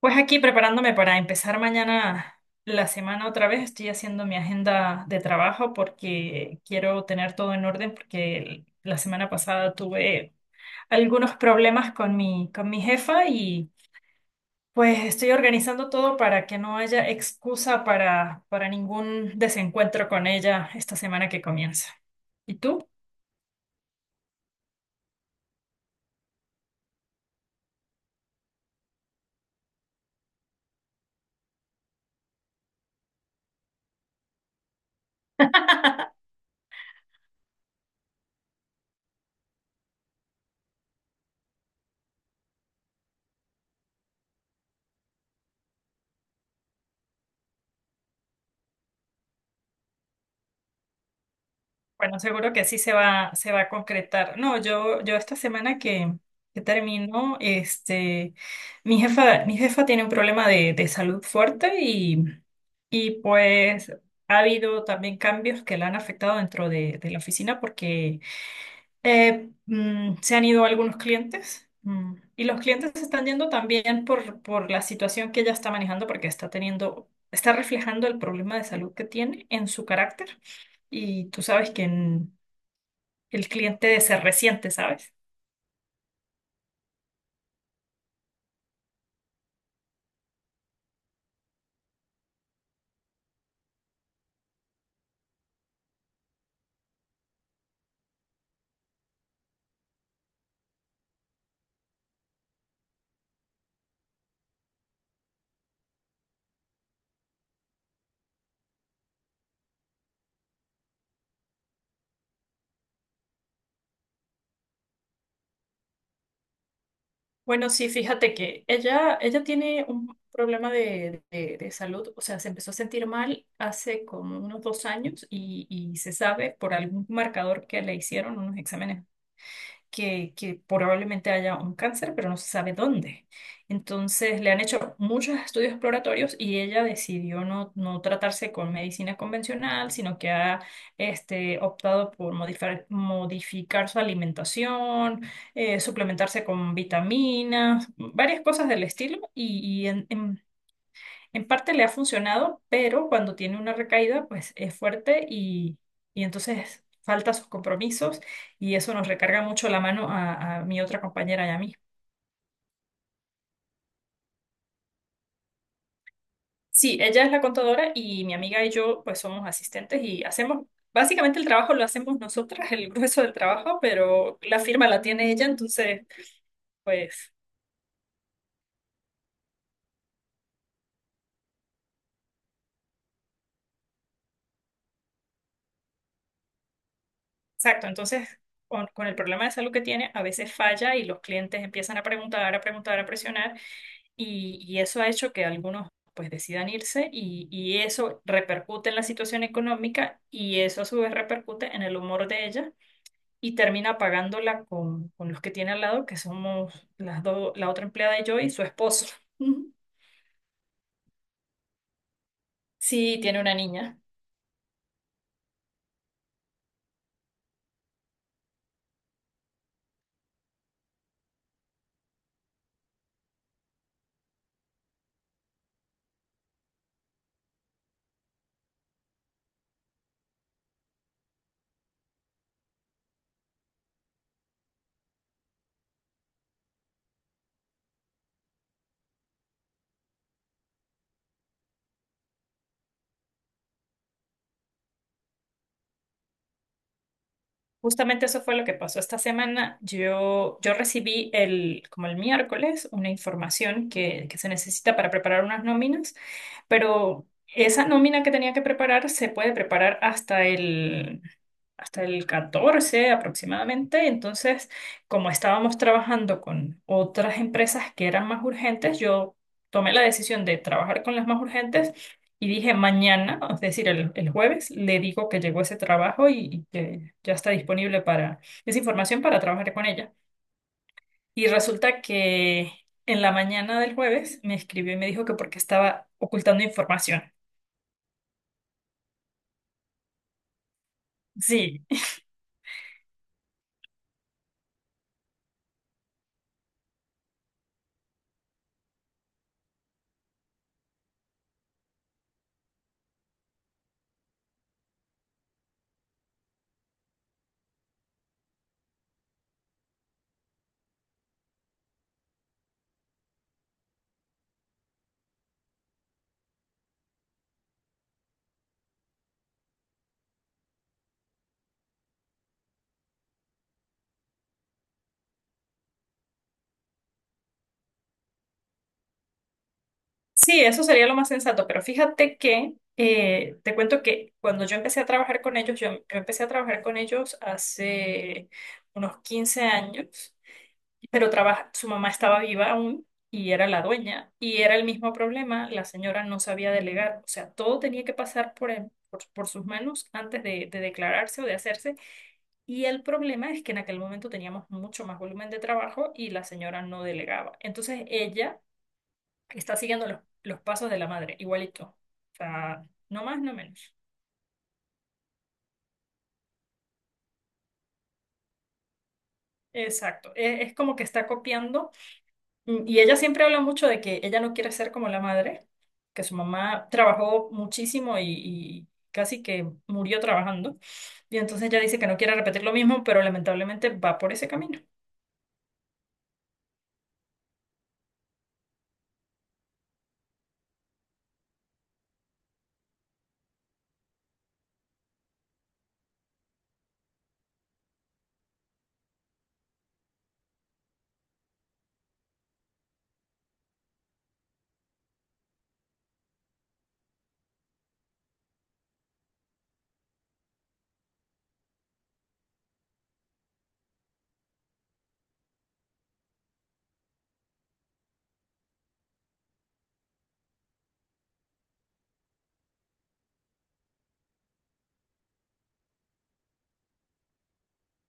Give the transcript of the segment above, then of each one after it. Pues aquí preparándome para empezar mañana la semana otra vez, estoy haciendo mi agenda de trabajo porque quiero tener todo en orden porque la semana pasada tuve algunos problemas con mi jefa y pues estoy organizando todo para que no haya excusa para ningún desencuentro con ella esta semana que comienza. ¿Y tú? Bueno, seguro que sí se va a concretar. No, yo esta semana que termino, mi jefa tiene un problema de salud fuerte y pues ha habido también cambios que la han afectado dentro de la oficina porque se han ido algunos clientes. Y los clientes se están yendo también por la situación que ella está manejando, porque está teniendo, está reflejando el problema de salud que tiene en su carácter. Y tú sabes el cliente de ser reciente, ¿sabes? Bueno, sí, fíjate que ella tiene un problema de, de salud, o sea, se empezó a sentir mal hace como unos dos años y se sabe por algún marcador que le hicieron, unos exámenes que probablemente haya un cáncer, pero no se sabe dónde. Entonces le han hecho muchos estudios exploratorios y ella decidió no tratarse con medicina convencional, sino que ha optado por modificar su alimentación, suplementarse con vitaminas, varias cosas del estilo. En parte le ha funcionado, pero cuando tiene una recaída, pues es fuerte y entonces falta sus compromisos y eso nos recarga mucho la mano a mi otra compañera y a mí. Sí, ella es la contadora y mi amiga y yo pues somos asistentes y hacemos, básicamente el trabajo lo hacemos nosotras, el grueso del trabajo, pero la firma la tiene ella, entonces pues exacto, entonces con el problema de salud que tiene a veces falla y los clientes empiezan a preguntar, a preguntar, a presionar. Y, y eso ha hecho que algunos pues decidan irse y eso repercute en la situación económica y eso a su vez repercute en el humor de ella y termina pagándola con los que tiene al lado, que somos las dos, la otra empleada y yo y su esposo. Sí, tiene una niña. Justamente eso fue lo que pasó esta semana. Yo recibí el, como el miércoles una información que se necesita para preparar unas nóminas, pero esa nómina que tenía que preparar se puede preparar hasta el 14 aproximadamente. Entonces, como estábamos trabajando con otras empresas que eran más urgentes, yo tomé la decisión de trabajar con las más urgentes y dije, mañana, es decir, el jueves, le digo que llegó ese trabajo y que ya está disponible para esa información para trabajar con ella. Y resulta que en la mañana del jueves me escribió y me dijo que porque estaba ocultando información. Sí, sí, eso sería lo más sensato, pero fíjate que te cuento que cuando yo empecé a trabajar con ellos, yo empecé a trabajar con ellos hace unos 15 años, pero trabaja, su mamá estaba viva aún y era la dueña. Y era el mismo problema, la señora no sabía delegar, o sea, todo tenía que pasar por sus manos antes de declararse o de hacerse. Y el problema es que en aquel momento teníamos mucho más volumen de trabajo y la señora no delegaba. Entonces ella está siguiendo los pasos de la madre, igualito. O sea, no más, no menos. Exacto. Es como que está copiando. Mm. Y ella siempre habla mucho de que ella no quiere ser como la madre, que su mamá trabajó muchísimo y casi que murió trabajando. Y entonces ella dice que no quiere repetir lo mismo, pero lamentablemente va por ese camino.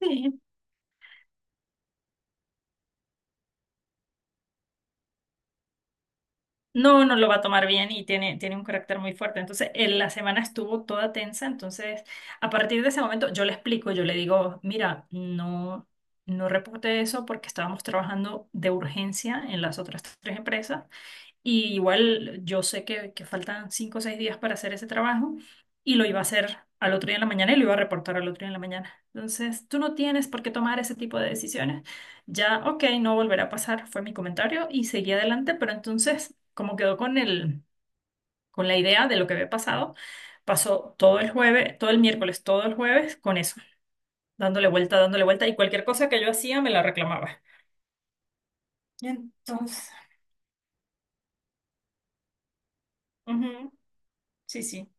Sí. No, no lo va a tomar bien y tiene un carácter muy fuerte. Entonces, en la semana estuvo toda tensa. Entonces, a partir de ese momento, yo le explico, yo le digo, mira, no reporte eso porque estábamos trabajando de urgencia en las otras tres empresas. Y igual yo sé que faltan cinco o seis días para hacer ese trabajo y lo iba a hacer al otro día en la mañana y lo iba a reportar al otro día en la mañana. Entonces, tú no tienes por qué tomar ese tipo de decisiones. Ya, ok, no volverá a pasar, fue mi comentario y seguí adelante, pero entonces, como quedó con la idea de lo que había pasado, pasó todo el jueves, todo el miércoles, todo el jueves con eso, dándole vuelta y cualquier cosa que yo hacía me la reclamaba. Y entonces, ujú, sí, sí.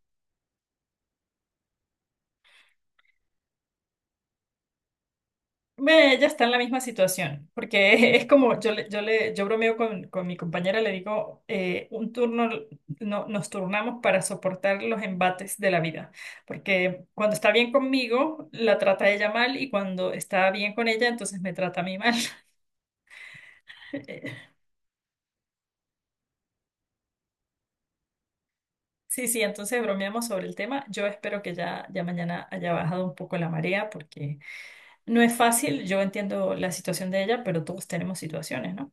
Ve, ella está en la misma situación, porque es como, yo bromeo con mi compañera, le digo, un turno, no, nos turnamos para soportar los embates de la vida, porque cuando está bien conmigo, la trata ella mal, y cuando está bien con ella, entonces me trata a mí mal. Sí, sí, entonces bromeamos sobre el tema. Yo espero que ya mañana haya bajado un poco la marea, porque no es fácil, yo entiendo la situación de ella, pero todos tenemos situaciones, ¿no?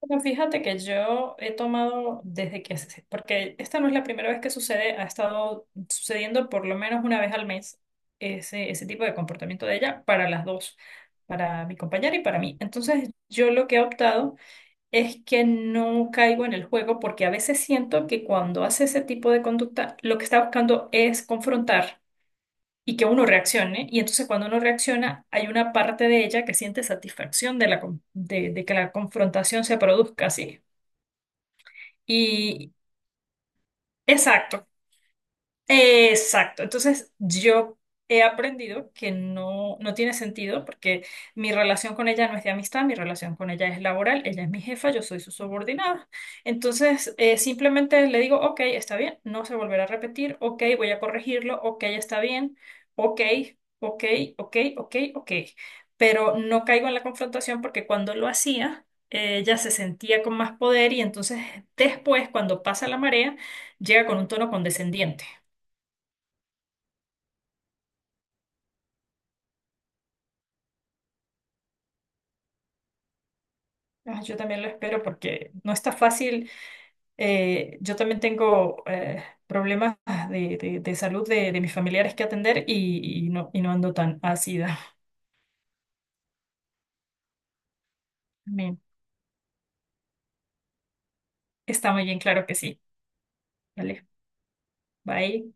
Bueno, fíjate que yo he tomado desde porque esta no es la primera vez que sucede, ha estado sucediendo por lo menos una vez al mes ese, ese tipo de comportamiento de ella para las dos, para mi compañera y para mí. Entonces, yo lo que he optado es que no caigo en el juego porque a veces siento que cuando hace ese tipo de conducta, lo que está buscando es confrontar y que uno reaccione. Y entonces cuando uno reacciona, hay una parte de ella que siente satisfacción de que la confrontación se produzca, ¿sí? Y exacto. Exacto. Entonces, yo he aprendido que no, no tiene sentido porque mi relación con ella no es de amistad, mi relación con ella es laboral, ella es mi jefa, yo soy su subordinada. Entonces, simplemente le digo, ok, está bien, no se volverá a repetir, ok, voy a corregirlo, ok, está bien, ok, ok, ok, ok, ok. Pero no caigo en la confrontación porque cuando lo hacía, ella se sentía con más poder y entonces después, cuando pasa la marea, llega con un tono condescendiente. Ah, yo también lo espero porque no está fácil. Yo también tengo problemas de, de salud de mis familiares que atender y, y no ando tan ácida. Bien. Está muy bien, claro que sí. Vale, bye.